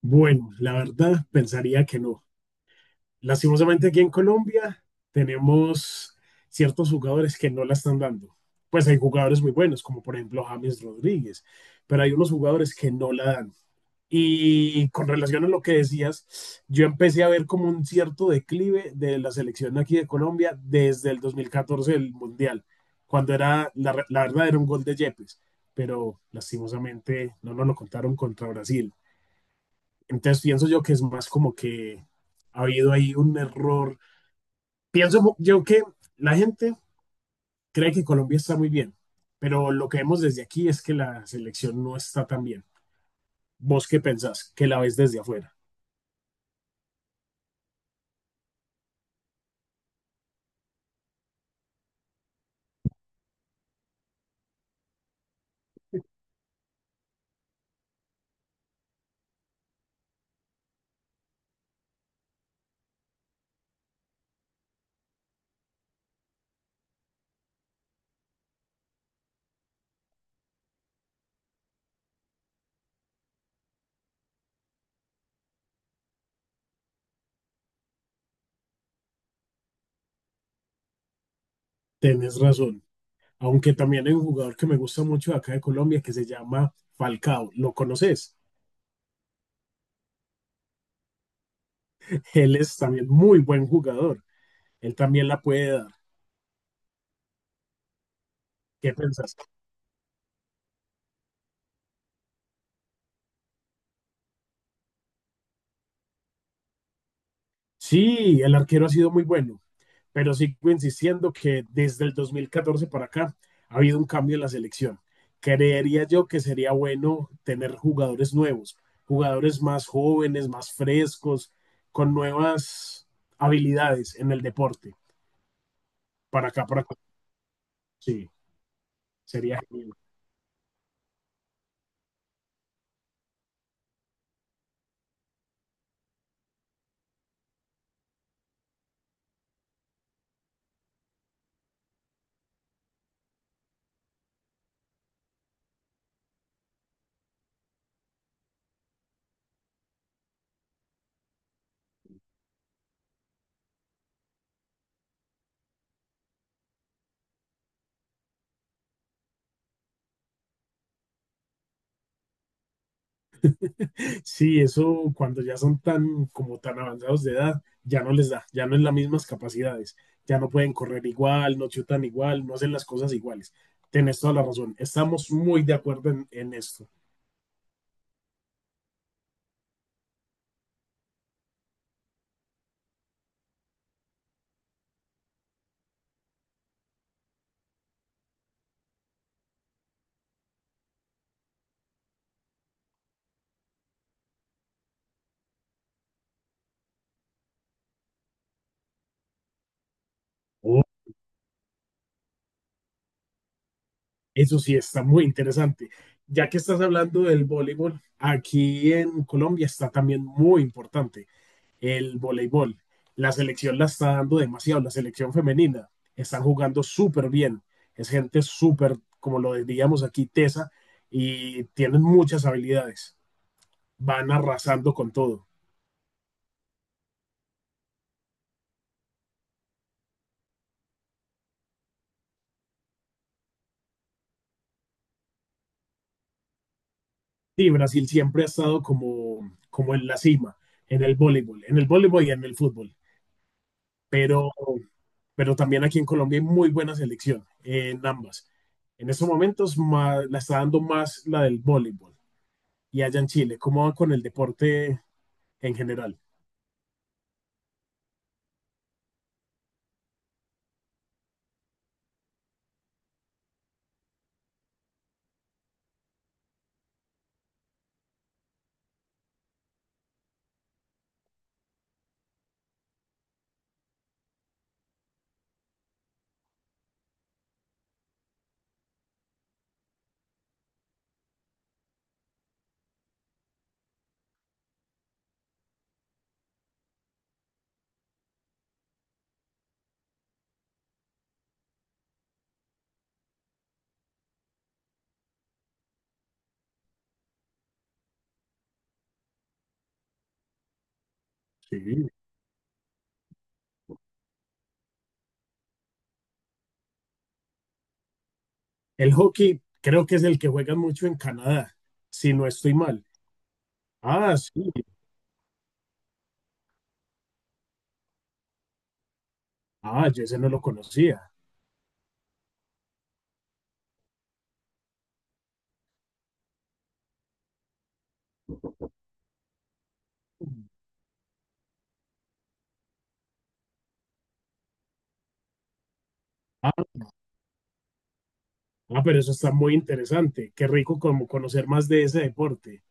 Bueno, la verdad pensaría que no. Lastimosamente aquí en Colombia tenemos ciertos jugadores que no la están dando. Pues hay jugadores muy buenos, como por ejemplo James Rodríguez, pero hay unos jugadores que no la dan. Y con relación a lo que decías, yo empecé a ver como un cierto declive de la selección aquí de Colombia desde el 2014 del Mundial, cuando era, la verdad era un gol de Yepes, pero lastimosamente no nos lo contaron contra Brasil. Entonces pienso yo que es más como que ha habido ahí un error. Pienso yo que la gente cree que Colombia está muy bien, pero lo que vemos desde aquí es que la selección no está tan bien. ¿Vos qué pensás? Que la ves desde afuera. Tenés razón. Aunque también hay un jugador que me gusta mucho de acá de Colombia que se llama Falcao. ¿Lo conoces? Él es también muy buen jugador. Él también la puede dar. ¿Qué pensás? Sí, el arquero ha sido muy bueno, pero sigo insistiendo que desde el 2014 para acá ha habido un cambio en la selección. Creería yo que sería bueno tener jugadores nuevos, jugadores más jóvenes, más frescos, con nuevas habilidades en el deporte. Para acá, sí, sería genial. Sí, eso cuando ya son tan como tan avanzados de edad, ya no les da, ya no es las mismas capacidades, ya no pueden correr igual, no chutan igual, no hacen las cosas iguales. Tienes toda la razón, estamos muy de acuerdo en esto. Oh, eso sí, está muy interesante. Ya que estás hablando del voleibol, aquí en Colombia está también muy importante el voleibol. La selección la está dando demasiado, la selección femenina. Están jugando súper bien. Es gente súper, como lo diríamos aquí, tesa, y tienen muchas habilidades. Van arrasando con todo. Sí, Brasil siempre ha estado como, como en la cima, en el voleibol y en el fútbol. Pero, pero también aquí en Colombia hay muy buena selección en ambas. En estos momentos más, la está dando más la del voleibol. Y allá en Chile, ¿cómo va con el deporte en general? Sí. El hockey creo que es el que juegan mucho en Canadá, si no estoy mal. Ah, sí. Ah, yo ese no lo conocía. Ah, ah, pero eso está muy interesante. Qué rico como conocer más de ese deporte.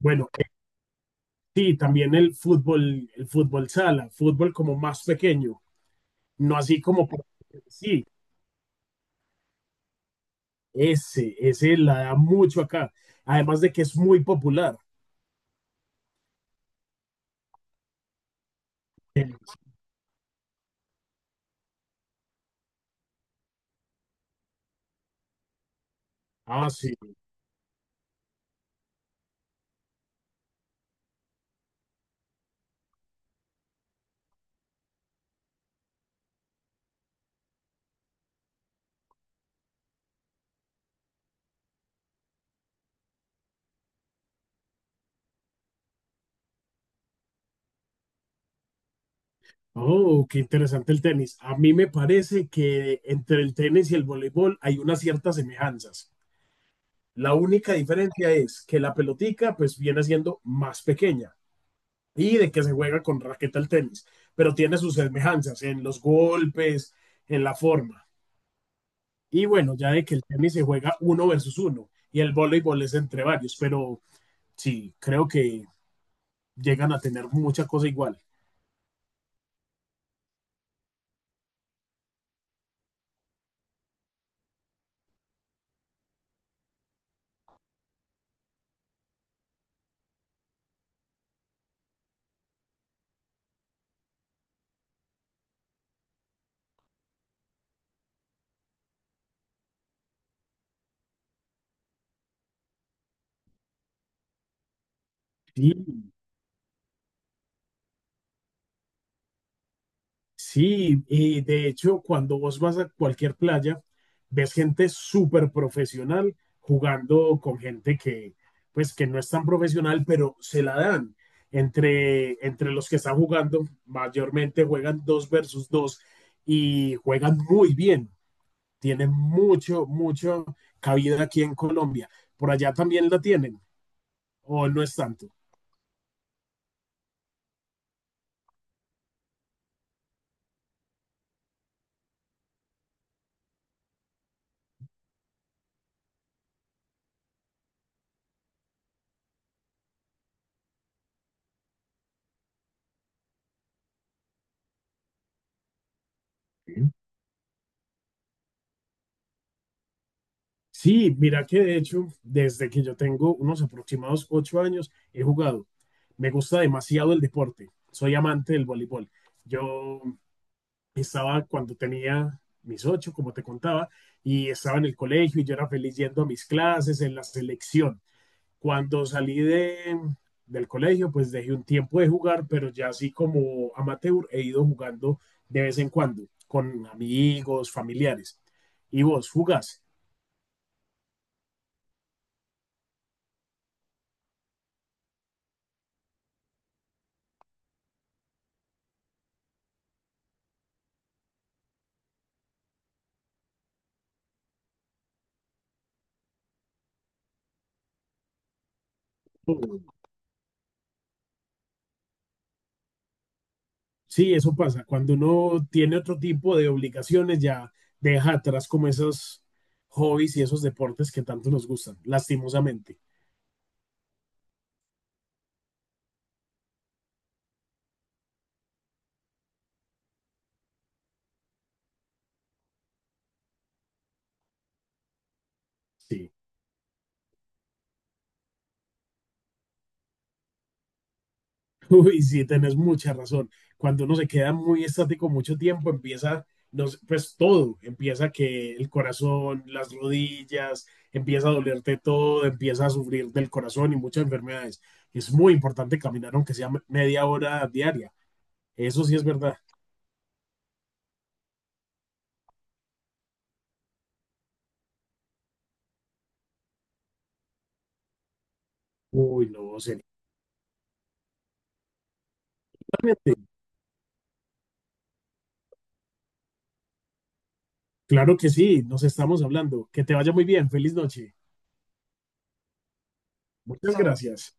Bueno, sí, también el fútbol sala, fútbol como más pequeño, no así como sí, ese la da mucho acá. Además de que es muy popular. Eh, Ah, sí. Oh, qué interesante el tenis. A mí me parece que entre el tenis y el voleibol hay unas ciertas semejanzas. La única diferencia es que la pelotica pues viene siendo más pequeña y de que se juega con raqueta el tenis, pero tiene sus semejanzas en los golpes, en la forma. Y bueno, ya de que el tenis se juega uno versus uno y el voleibol es entre varios, pero sí, creo que llegan a tener mucha cosa igual. Sí, sí, y de hecho, cuando vos vas a cualquier playa, ves gente súper profesional jugando con gente que, pues, que no es tan profesional, pero se la dan. Entre los que están jugando, mayormente juegan dos versus dos y juegan muy bien. Tienen mucho, mucho cabida aquí en Colombia. Por allá también la tienen, o no es tanto. Sí, mira que de hecho, desde que yo tengo unos aproximados 8 años, he jugado. Me gusta demasiado el deporte. Soy amante del voleibol. Yo estaba cuando tenía mis ocho, como te contaba, y estaba en el colegio y yo era feliz yendo a mis clases, en la selección. Cuando salí del colegio, pues dejé un tiempo de jugar, pero ya así como amateur he ido jugando de vez en cuando con amigos, familiares. ¿Y vos jugás? Sí, eso pasa. Cuando uno tiene otro tipo de obligaciones, ya deja atrás como esos hobbies y esos deportes que tanto nos gustan, lastimosamente. Sí. Uy, sí, tenés mucha razón. Cuando uno se queda muy estático mucho tiempo, empieza, no sé, pues todo, empieza que el corazón, las rodillas, empieza a dolerte todo, empieza a sufrir del corazón y muchas enfermedades. Es muy importante caminar, aunque sea media hora diaria. Eso sí es verdad. Uy, no, sería... Claro que sí, nos estamos hablando. Que te vaya muy bien. Feliz noche. Muchas gracias.